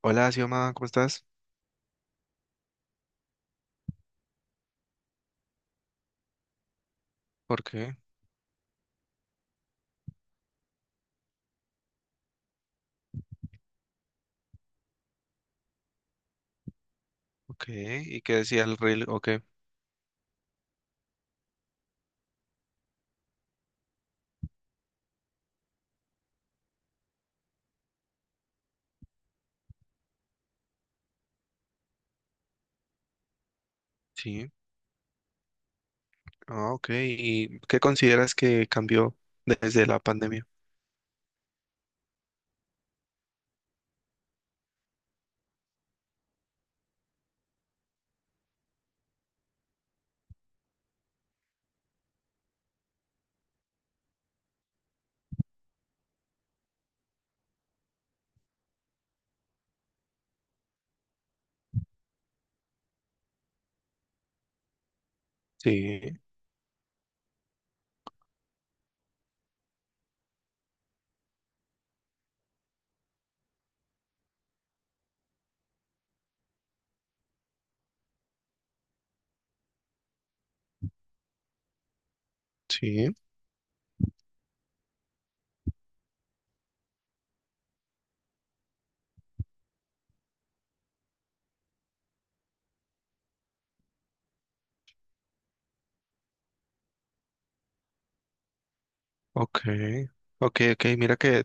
Hola, Xioma, ¿cómo estás? ¿Por qué? Ok. ¿Y qué decía el reel? Ok. Sí. Ah, ok. ¿Y qué consideras que cambió desde la pandemia? Sí, sí. Ok. Ok, ok. Mira que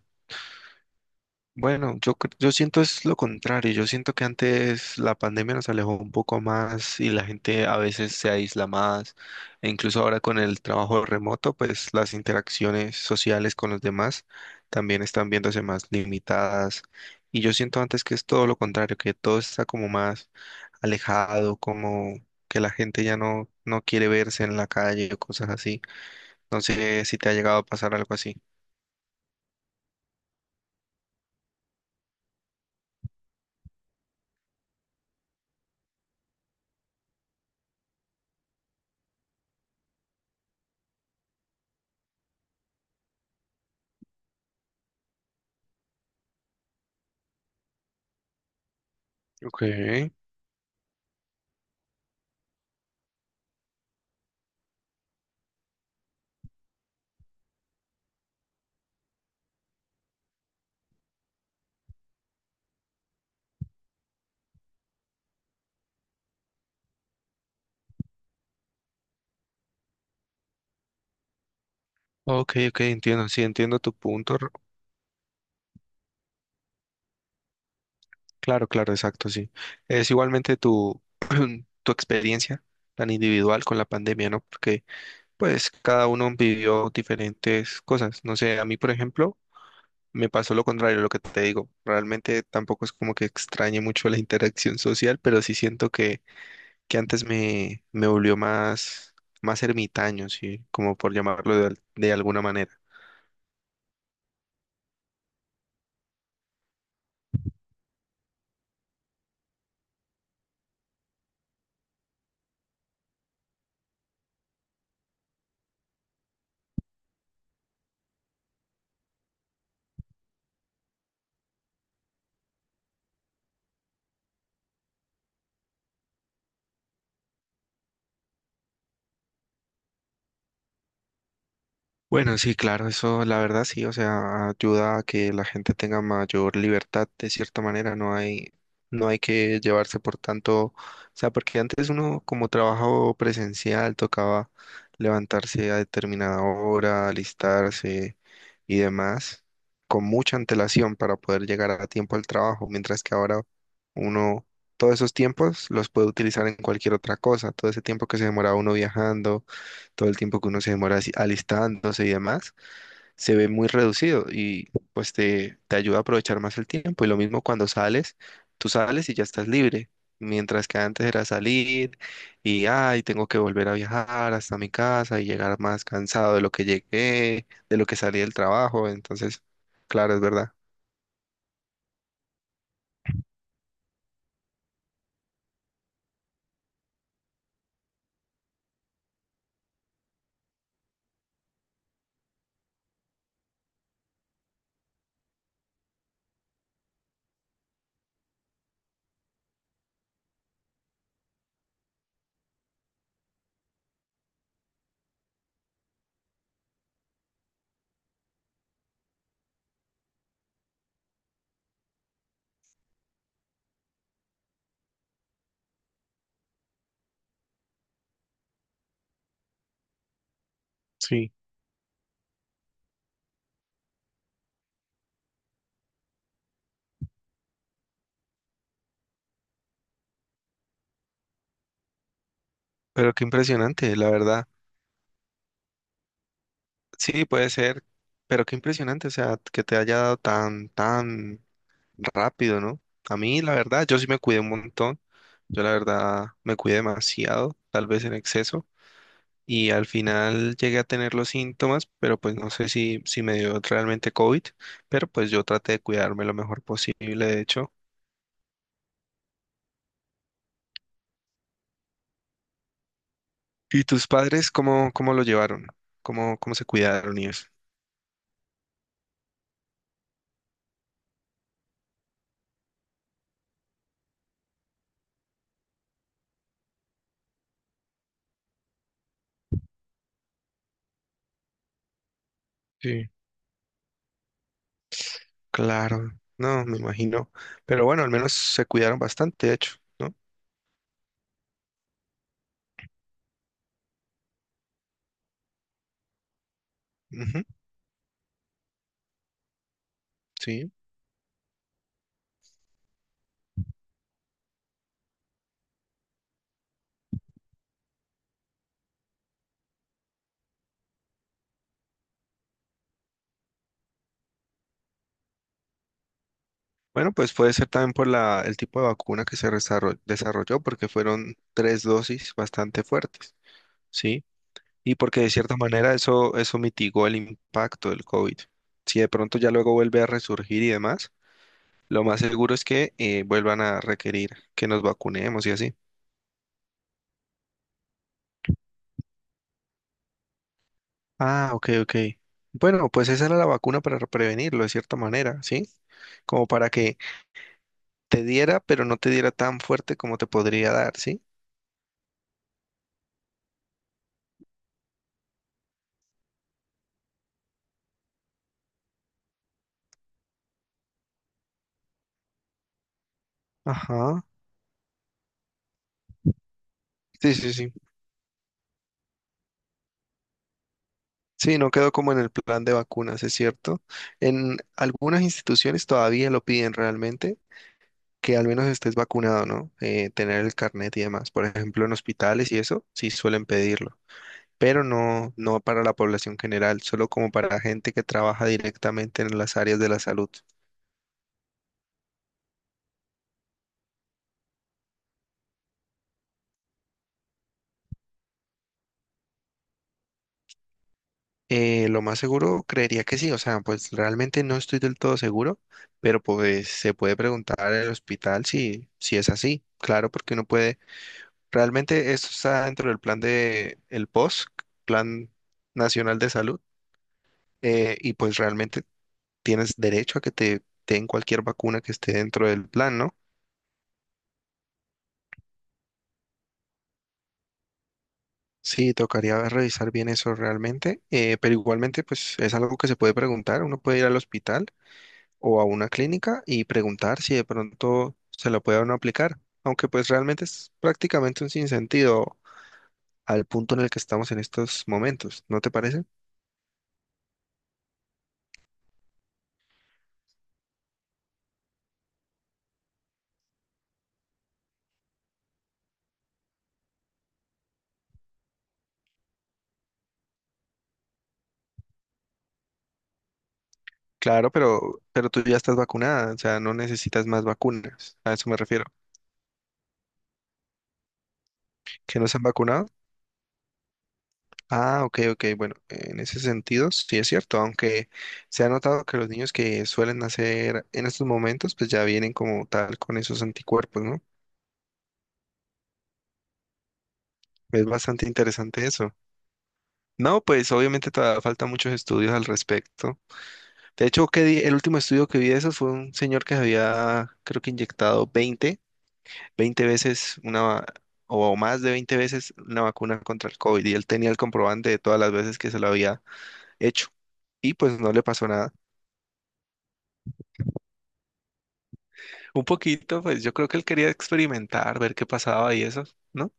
bueno, yo, yo siento es lo contrario, yo siento que antes la pandemia nos alejó un poco más y la gente a veces se aísla más, e incluso ahora con el trabajo remoto, pues las interacciones sociales con los demás también están viéndose más limitadas y yo siento antes que es todo lo contrario, que todo está como más alejado, como que la gente ya no quiere verse en la calle o cosas así. No sé si te ha llegado a pasar algo así. Ok, ok, ok, entiendo, sí, entiendo tu punto. Claro, claro, exacto, sí. Es igualmente tu, tu experiencia tan individual con la pandemia, ¿no? Porque pues cada uno vivió diferentes cosas. No sé, a mí, por ejemplo, me pasó lo contrario, lo que te digo. Realmente tampoco es como que extrañe mucho la interacción social, pero sí siento que antes me volvió más, más ermitaño, sí, como por llamarlo de, de alguna manera. Bueno, sí, claro, eso la verdad sí, o sea, ayuda a que la gente tenga mayor libertad de cierta manera, no hay que llevarse por tanto, o sea, porque antes uno como trabajo presencial tocaba levantarse a determinada hora, alistarse y demás, con mucha antelación para poder llegar a tiempo al trabajo, mientras que ahora uno todos esos tiempos los puede utilizar en cualquier otra cosa, todo ese tiempo que se demoraba uno viajando todo el tiempo que uno se demora así alistándose y demás, se ve muy reducido y pues te ayuda a aprovechar más el tiempo. Y lo mismo cuando sales, tú sales y ya estás libre, mientras que antes era salir y, ay, tengo que volver a viajar hasta mi casa y llegar más cansado de lo que llegué, de lo que salí del trabajo. Entonces, claro, es verdad. Sí. Pero qué impresionante, la verdad. Sí, puede ser, pero qué impresionante, o sea, que te haya dado tan, tan rápido, ¿no? A mí, la verdad, yo sí me cuidé un montón. Yo, la verdad, me cuidé demasiado, tal vez en exceso. Y al final llegué a tener los síntomas, pero pues no sé si, si me dio realmente COVID, pero pues yo traté de cuidarme lo mejor posible, de hecho. ¿Y tus padres cómo, cómo lo llevaron? ¿Cómo, cómo se cuidaron y eso? Sí. Claro, no, me imagino. Pero bueno, al menos se cuidaron bastante, de hecho, ¿no? Ujú, sí. Bueno, pues puede ser también por la, el tipo de vacuna que se desarrolló, porque fueron tres dosis bastante fuertes, ¿sí? Y porque de cierta manera eso, eso mitigó el impacto del COVID. Si de pronto ya luego vuelve a resurgir y demás, lo más seguro es que vuelvan a requerir que nos vacunemos y así. Ah, ok, ok. Bueno, pues esa era la vacuna para prevenirlo de cierta manera, ¿sí? Como para que te diera, pero no te diera tan fuerte como te podría dar, ¿sí? Ajá. Sí, sí, sí. Sí, no quedó como en el plan de vacunas, es cierto. En algunas instituciones todavía lo piden realmente, que al menos estés vacunado, ¿no? Tener el carnet y demás. Por ejemplo, en hospitales y eso, sí suelen pedirlo, pero no para la población general, solo como para gente que trabaja directamente en las áreas de la salud. Lo más seguro, creería que sí, o sea, pues realmente no estoy del todo seguro, pero pues se puede preguntar al hospital si, si es así. Claro, porque uno puede realmente esto está dentro del plan de el POS, Plan Nacional de Salud, y pues realmente tienes derecho a que te den cualquier vacuna que esté dentro del plan, ¿no? Sí, tocaría revisar bien eso realmente, pero igualmente pues es algo que se puede preguntar, uno puede ir al hospital o a una clínica y preguntar si de pronto se lo puede a uno aplicar, aunque pues realmente es prácticamente un sinsentido al punto en el que estamos en estos momentos, ¿no te parece? Claro, pero tú ya estás vacunada, o sea, no necesitas más vacunas, a eso me refiero. ¿Que no se han vacunado? Ah, ok, ok, bueno, en ese sentido sí es cierto, aunque se ha notado que los niños que suelen nacer en estos momentos, pues ya vienen como tal con esos anticuerpos, ¿no? Es bastante interesante eso. No, pues obviamente todavía faltan muchos estudios al respecto. De hecho, que el último estudio que vi de eso fue un señor que se había, creo que inyectado 20. 20 veces una, o más de 20 veces una vacuna contra el COVID y él tenía el comprobante de todas las veces que se lo había hecho y pues no le pasó nada. Un poquito, pues yo creo que él quería experimentar, ver qué pasaba y eso, ¿no?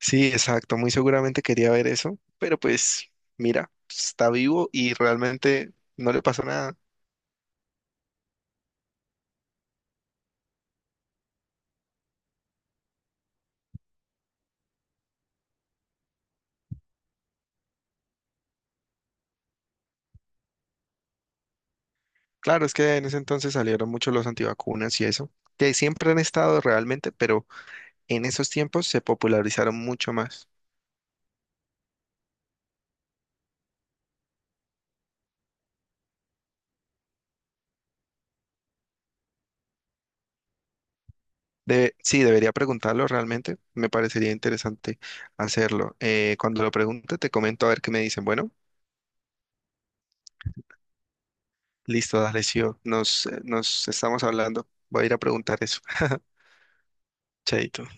Sí, exacto, muy seguramente quería ver eso, pero pues mira, está vivo y realmente no le pasó nada. Claro, es que en ese entonces salieron mucho los antivacunas y eso, que siempre han estado realmente, pero en esos tiempos se popularizaron mucho más. Sí, debería preguntarlo realmente. Me parecería interesante hacerlo. Cuando lo pregunte, te comento a ver qué me dicen. Bueno, listo, dale, sí, nos, nos estamos hablando. Voy a ir a preguntar eso. Chaito.